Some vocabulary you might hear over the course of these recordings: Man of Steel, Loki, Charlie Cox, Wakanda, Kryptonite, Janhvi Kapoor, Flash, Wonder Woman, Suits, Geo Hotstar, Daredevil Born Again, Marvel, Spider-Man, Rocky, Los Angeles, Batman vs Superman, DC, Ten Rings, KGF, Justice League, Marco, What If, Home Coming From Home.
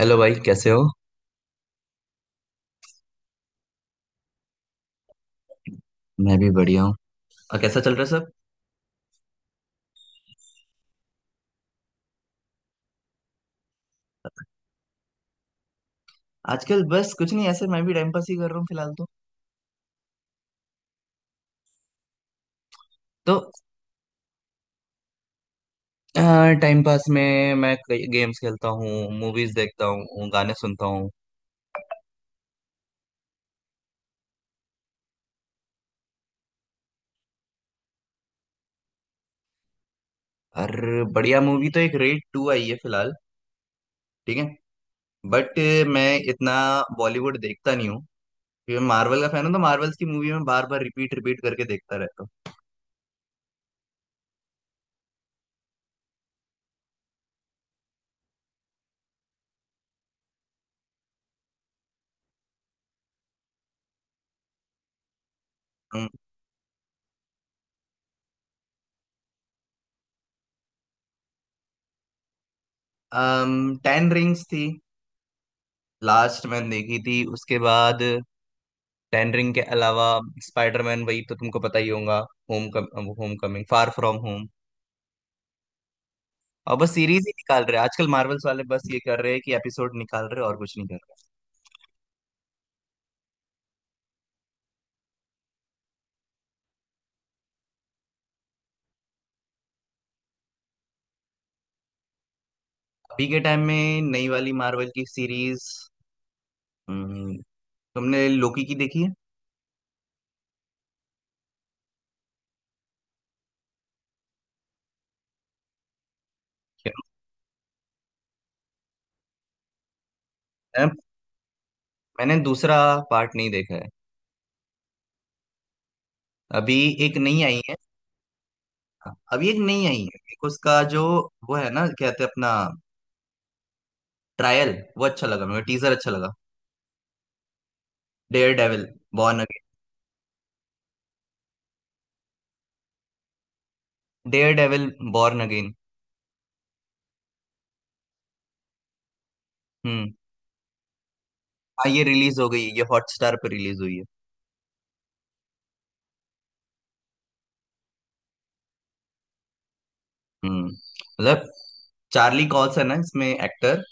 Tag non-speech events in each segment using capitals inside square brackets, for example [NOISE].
Hello भाई, कैसे हो? मैं भी बढ़िया हूँ। और कैसा चल रहा है सब? आजकल बस कुछ नहीं, ऐसे मैं भी टाइम पास ही कर रहा हूँ फिलहाल तो। टाइम पास में मैं कई गेम्स खेलता हूँ, मूवीज देखता हूँ, गाने सुनता हूँ। और बढ़िया मूवी तो एक रेड टू आई है फिलहाल, ठीक है, बट मैं इतना बॉलीवुड देखता नहीं हूँ क्योंकि मैं मार्वल का फैन हूँ, तो मार्वल्स की मूवी में बार बार रिपीट रिपीट करके देखता रहता हूँ। टेन रिंग्स थी लास्ट मैंने देखी थी, उसके बाद टेन रिंग के अलावा स्पाइडरमैन, वही तो तुमको पता ही होगा, home come, home coming, far from home. और बस सीरीज ही निकाल रहे हैं आजकल, मार्वल्स वाले बस ये कर रहे हैं कि एपिसोड निकाल रहे हैं, और कुछ नहीं कर रहे। अभी के टाइम में नई वाली मार्वल की सीरीज, तुमने लोकी की देखी है? क्या? मैं- मैंने दूसरा पार्ट नहीं देखा है। अभी एक नई आई है। अभी एक नई आई है, एक उसका जो, वो है ना, क्या कहते हैं अपना, ट्रायल, वो अच्छा लगा मुझे, टीजर अच्छा लगा, Daredevil born again. Daredevil born again. हाँ ये रिलीज हो गई है, ये हॉटस्टार पर रिलीज हुई है। हम्म, मतलब चार्ली कॉल्स है ना इसमें एक्टर,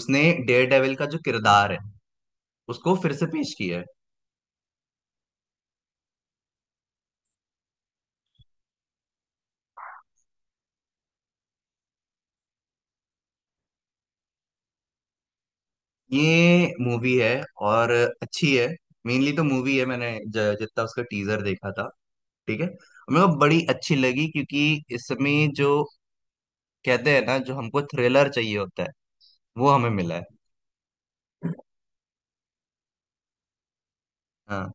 उसने डेयर डेविल का जो किरदार है उसको फिर से पेश किया है। ये मूवी है, और अच्छी है, मेनली तो मूवी है। मैंने जितना उसका टीजर देखा था, ठीक है, मेरे को बड़ी अच्छी लगी, क्योंकि इसमें जो कहते हैं ना, जो हमको थ्रिलर चाहिए होता है वो हमें मिला है। हाँ।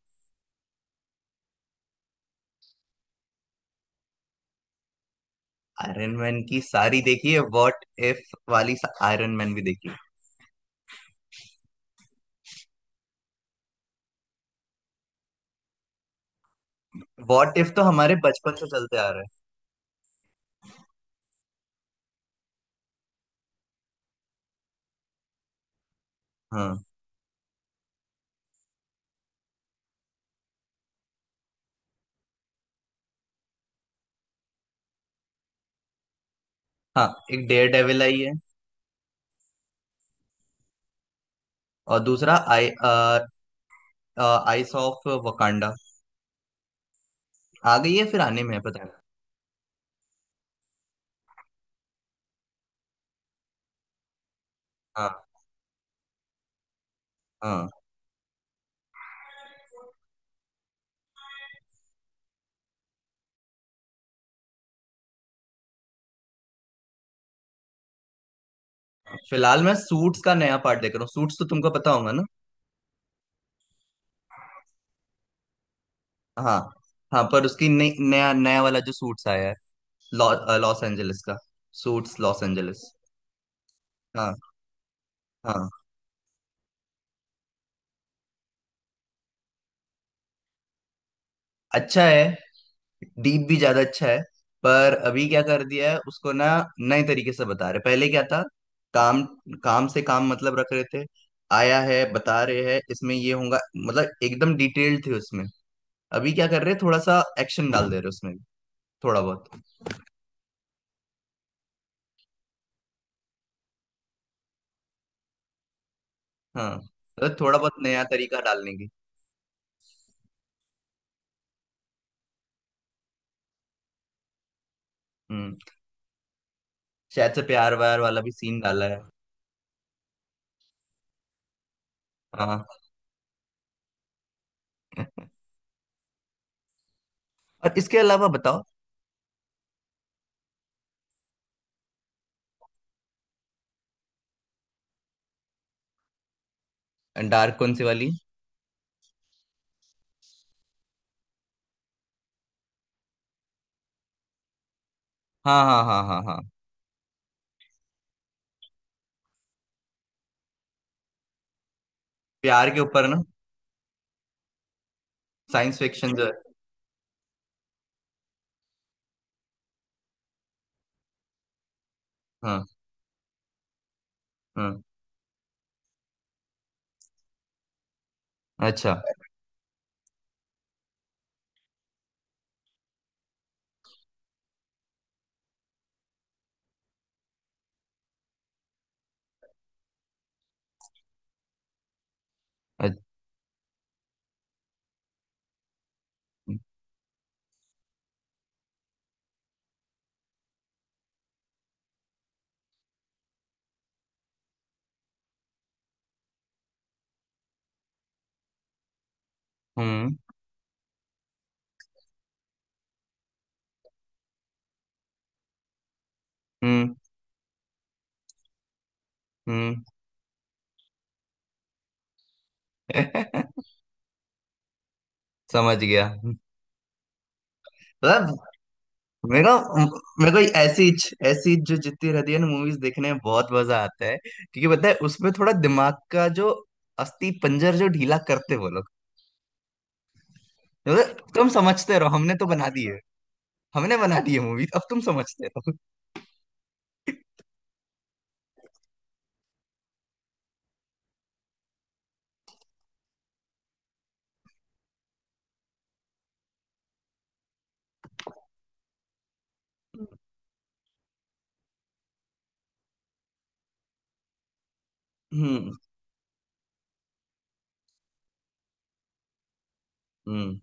आयरन मैन की सारी देखी है, व्हाट इफ वाली, आयरन मैन भी देखी। वॉट इफ तो हमारे बचपन से चलते आ रहे हैं। हाँ हाँ, एक डेयर डेविल आई है, और दूसरा आई आइस ऑफ वकांडा आ गई है, फिर आने में है पता नहीं। हाँ हाँ। फिलहाल मैं सूट्स का नया पार्ट देख रहा हूँ, सूट्स तो तुमको पता होगा ना। हाँ हाँ, पर उसकी नई नया नया वाला जो सूट्स आया है, लॉस एंजलिस का, सूट्स लॉस एंजलिस। हाँ हाँ। अच्छा है, डीप भी ज्यादा अच्छा है। पर अभी क्या कर दिया है उसको ना, नए तरीके से बता रहे, पहले क्या था, काम काम से काम मतलब रख रहे थे, आया है बता रहे हैं इसमें ये होगा, मतलब एकदम डिटेल्ड थे उसमें। अभी क्या कर रहे हैं, थोड़ा सा एक्शन डाल दे रहे उसमें भी, थोड़ा बहुत। हाँ, मतलब थोड़ा बहुत नया तरीका डालने की। हम्म। शायद से प्यार व्यार वाला भी सीन डाला है। हाँ, और इसके अलावा बताओ। डार्क कौन सी वाली? हाँ हाँ हाँ हाँ हाँ। प्यार के ऊपर ना, साइंस फिक्शन जो है। हाँ हाँ। अच्छा अच्छा। हम्म हम्म हम्म। [LAUGHS] समझ गया। मतलब मेरे को मेरे को ऐसी ऐसी जो जितनी रहती है ना, मूवीज देखने में बहुत मजा आता है क्योंकि पता है उसमें थोड़ा दिमाग का जो अस्थि पंजर जो ढीला करते वो लोग, मतलब तुम समझते रहो, हमने तो बना दी है। हमने बना दी है मूवी, अब तुम समझते रहो। हम्म हम्म,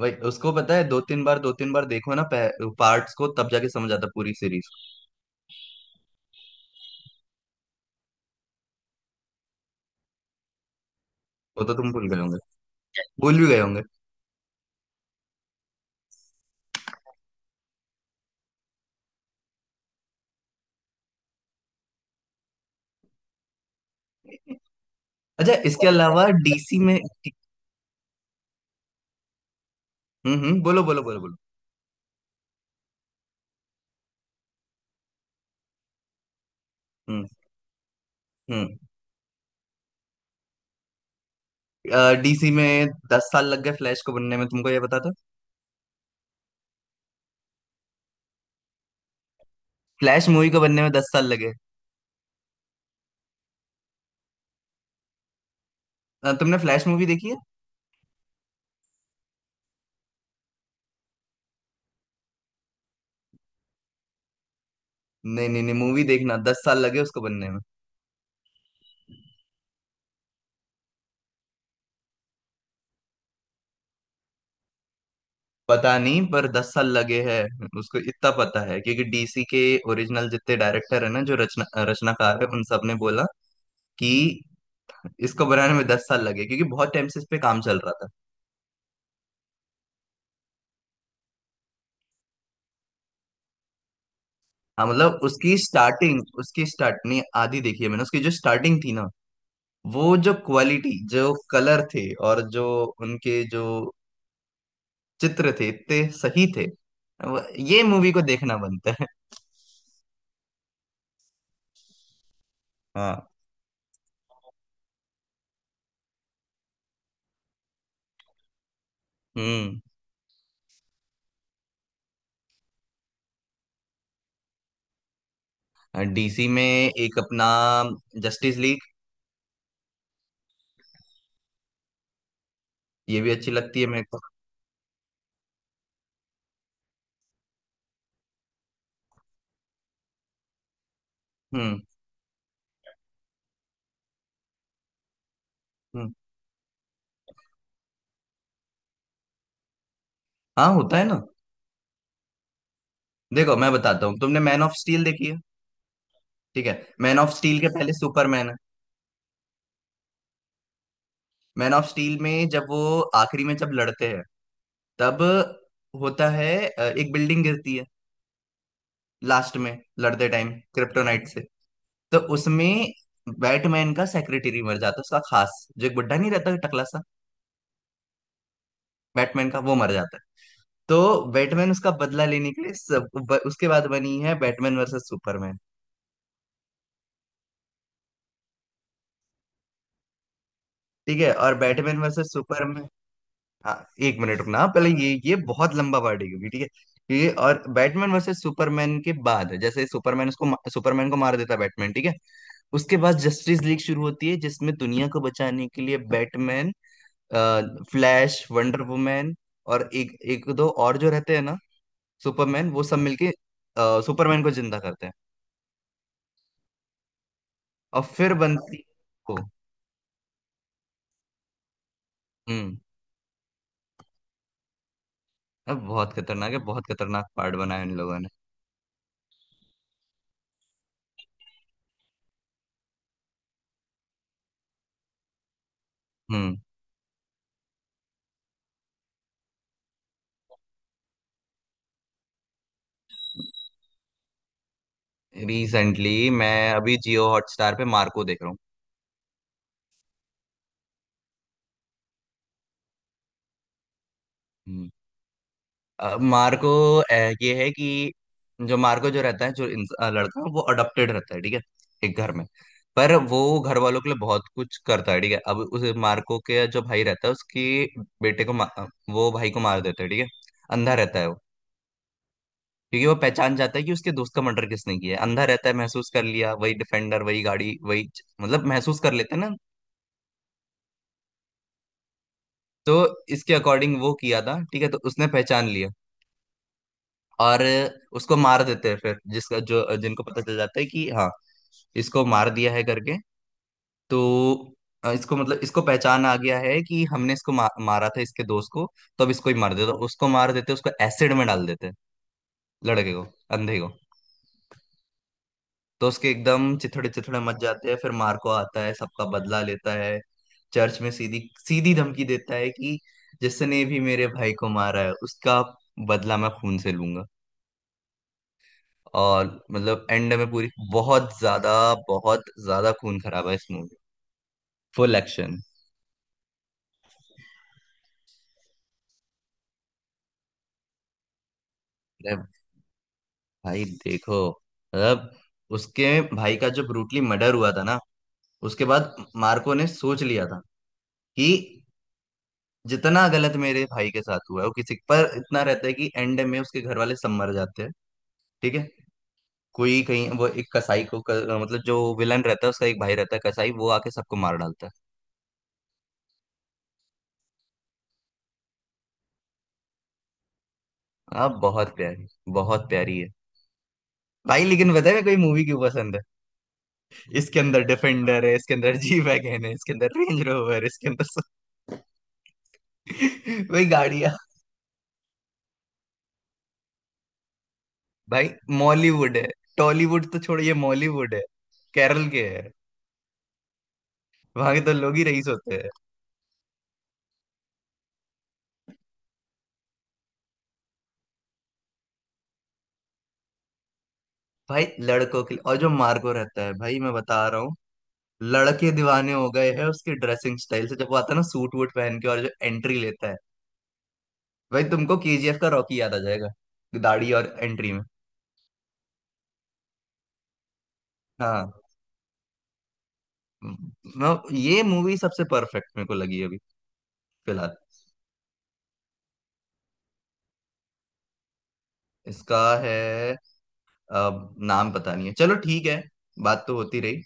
वही उसको पता है, दो तीन बार देखो ना पार्ट्स को, तब जाके समझ आता है पूरी सीरीज। वो तो तुम भूल गए होंगे, भूल भी गए होंगे। अच्छा, इसके अलावा डीसी में। हम्म, बोलो बोलो बोलो बोलो। हम्म हम्म। डीसी में 10 साल लग गए फ्लैश को बनने में, तुमको ये पता था? फ्लैश मूवी को बनने में 10 साल लगे। तुमने फ्लैश मूवी देखी है? नहीं नहीं नहीं, मूवी देखना, 10 साल लगे उसको बनने में। पता नहीं, पर 10 साल लगे हैं उसको इतना पता है, क्योंकि डीसी के ओरिजिनल जितने डायरेक्टर है ना, जो रचनाकार है, उन सब ने बोला कि इसको बनाने में 10 साल लगे क्योंकि बहुत टाइम से इस पे काम चल रहा था। हाँ, मतलब उसकी स्टार्टिंग, उसकी स्टार्ट नहीं, आधी देखी है मैंने। उसकी जो स्टार्टिंग थी ना, वो जो क्वालिटी, जो कलर थे, और जो उनके जो चित्र थे, इतने सही थे, वो- ये मूवी को देखना बनता है। हाँ। हम्म। डीसी में एक अपना, जस्टिस लीग, ये भी अच्छी लगती है मेरे को। हम्म हम्म। हाँ होता है ना, देखो मैं बताता हूँ, तुमने मैन ऑफ स्टील देखी है? ठीक है, मैन ऑफ स्टील के पहले सुपरमैन है। मैन ऑफ स्टील में जब वो आखिरी में जब लड़ते हैं, तब होता है एक बिल्डिंग गिरती है, लास्ट में लड़ते टाइम क्रिप्टोनाइट से, तो उसमें बैटमैन का सेक्रेटरी मर जाता है, उसका खास जो, एक बुड्ढा नहीं रहता टकला सा, बैटमैन का, वो मर जाता है। तो बैटमैन उसका बदला लेने के लिए सब, उसके बाद बनी है बैटमैन वर्सेस सुपरमैन। ठीक है, और बैटमैन वर्सेस सुपरमैन। हाँ एक मिनट रुकना, हाँ, पहले ये बहुत लंबा पार्ट है क्योंकि, ठीक है ये, और बैटमैन वर्सेस सुपरमैन के बाद जैसे सुपरमैन उसको सुपरमैन को मार देता है बैटमैन, ठीक है, उसके बाद जस्टिस लीग शुरू होती है जिसमें दुनिया को बचाने के लिए बैटमैन, फ्लैश, वंडर वुमैन, और एक एक दो और जो रहते हैं ना, सुपरमैन, वो सब मिलके सुपरमैन को जिंदा करते हैं, और फिर बनती को। हम्म, अब बहुत खतरनाक है, बहुत खतरनाक पार्ट बनाया इन लोगों ने। हम्म। रिसेंटली, मैं अभी जियो हॉटस्टार पे मार्को देख रहा हूँ। हम्म। मार्को, अ, ये है कि जो मार्को जो रहता है, जो लड़का है, वो अडॉप्टेड रहता है, ठीक है, एक घर में, पर वो घर वालों के लिए बहुत कुछ करता है। ठीक है, अब उस मार्को के जो भाई रहता है, उसके बेटे को वो भाई को मार देता है, ठीक है, अंधा रहता है वो, क्योंकि वो पहचान जाता है कि उसके दोस्त का मर्डर किसने किया है। अंधा रहता है, महसूस कर लिया, वही डिफेंडर वही गाड़ी मतलब महसूस कर लेते हैं ना। तो इसके अकॉर्डिंग वो किया था, ठीक है, तो उसने पहचान लिया, और उसको मार देते हैं फिर, जिसका जो, जिनको पता चल जाता है कि हाँ इसको मार दिया है करके, तो इसको मतलब इसको पहचान आ गया है कि हमने इसको मारा था इसके दोस्त को, तो अब इसको ही मार देते, उसको मार देते, उसको एसिड में डाल देते, लड़के को, अंधे को। तो उसके एकदम चिथड़े चिथड़े मच जाते हैं, फिर मार्को आता है, सबका बदला लेता है, चर्च में सीधी सीधी धमकी देता है कि जिसने भी मेरे भाई को मारा है उसका बदला मैं खून से लूंगा। और मतलब एंड में पूरी, बहुत ज्यादा, बहुत ज्यादा खून खराब है इस मूवी, फुल एक्शन। अरे भाई देखो, मतलब उसके भाई का जो ब्रूटली मर्डर हुआ था ना, उसके बाद मार्को ने सोच लिया था कि जितना गलत मेरे भाई के साथ हुआ है वो किसी पर, इतना रहता है कि एंड में उसके घर वाले सब मर जाते हैं। ठीक है, कोई कहीं वो एक कसाई को, मतलब जो विलन रहता है उसका एक भाई रहता है कसाई, वो आके सबको मार डालता है। आप बहुत प्यारी, बहुत प्यारी है भाई। लेकिन बताए मैं कोई मूवी क्यों पसंद है, इसके अंदर डिफेंडर है, इसके अंदर जी वैगन है, इसके अंदर रेंज रोवर, इसके अंदर सब। [LAUGHS] वही गाड़ियां। भाई मॉलीवुड है, टॉलीवुड तो छोड़िए, मॉलीवुड है, केरल के है, वहां के तो लोग ही रईस होते हैं। भाई लड़कों के लिए। और जो मार्को रहता है भाई, मैं बता रहा हूँ, लड़के दीवाने हो गए हैं उसके ड्रेसिंग स्टाइल से, जब वो आता है ना सूट वूट पहन के और जो एंट्री लेता है, भाई तुमको केजीएफ का रॉकी याद आ जाएगा, दाढ़ी और एंट्री में। हाँ, ये मूवी सबसे परफेक्ट मेरे को लगी अभी, फिलहाल। इसका है, अब नाम पता नहीं है, चलो ठीक है, बात तो होती रही।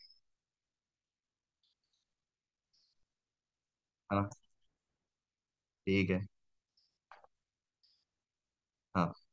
हाँ, ठीक है, हाँ।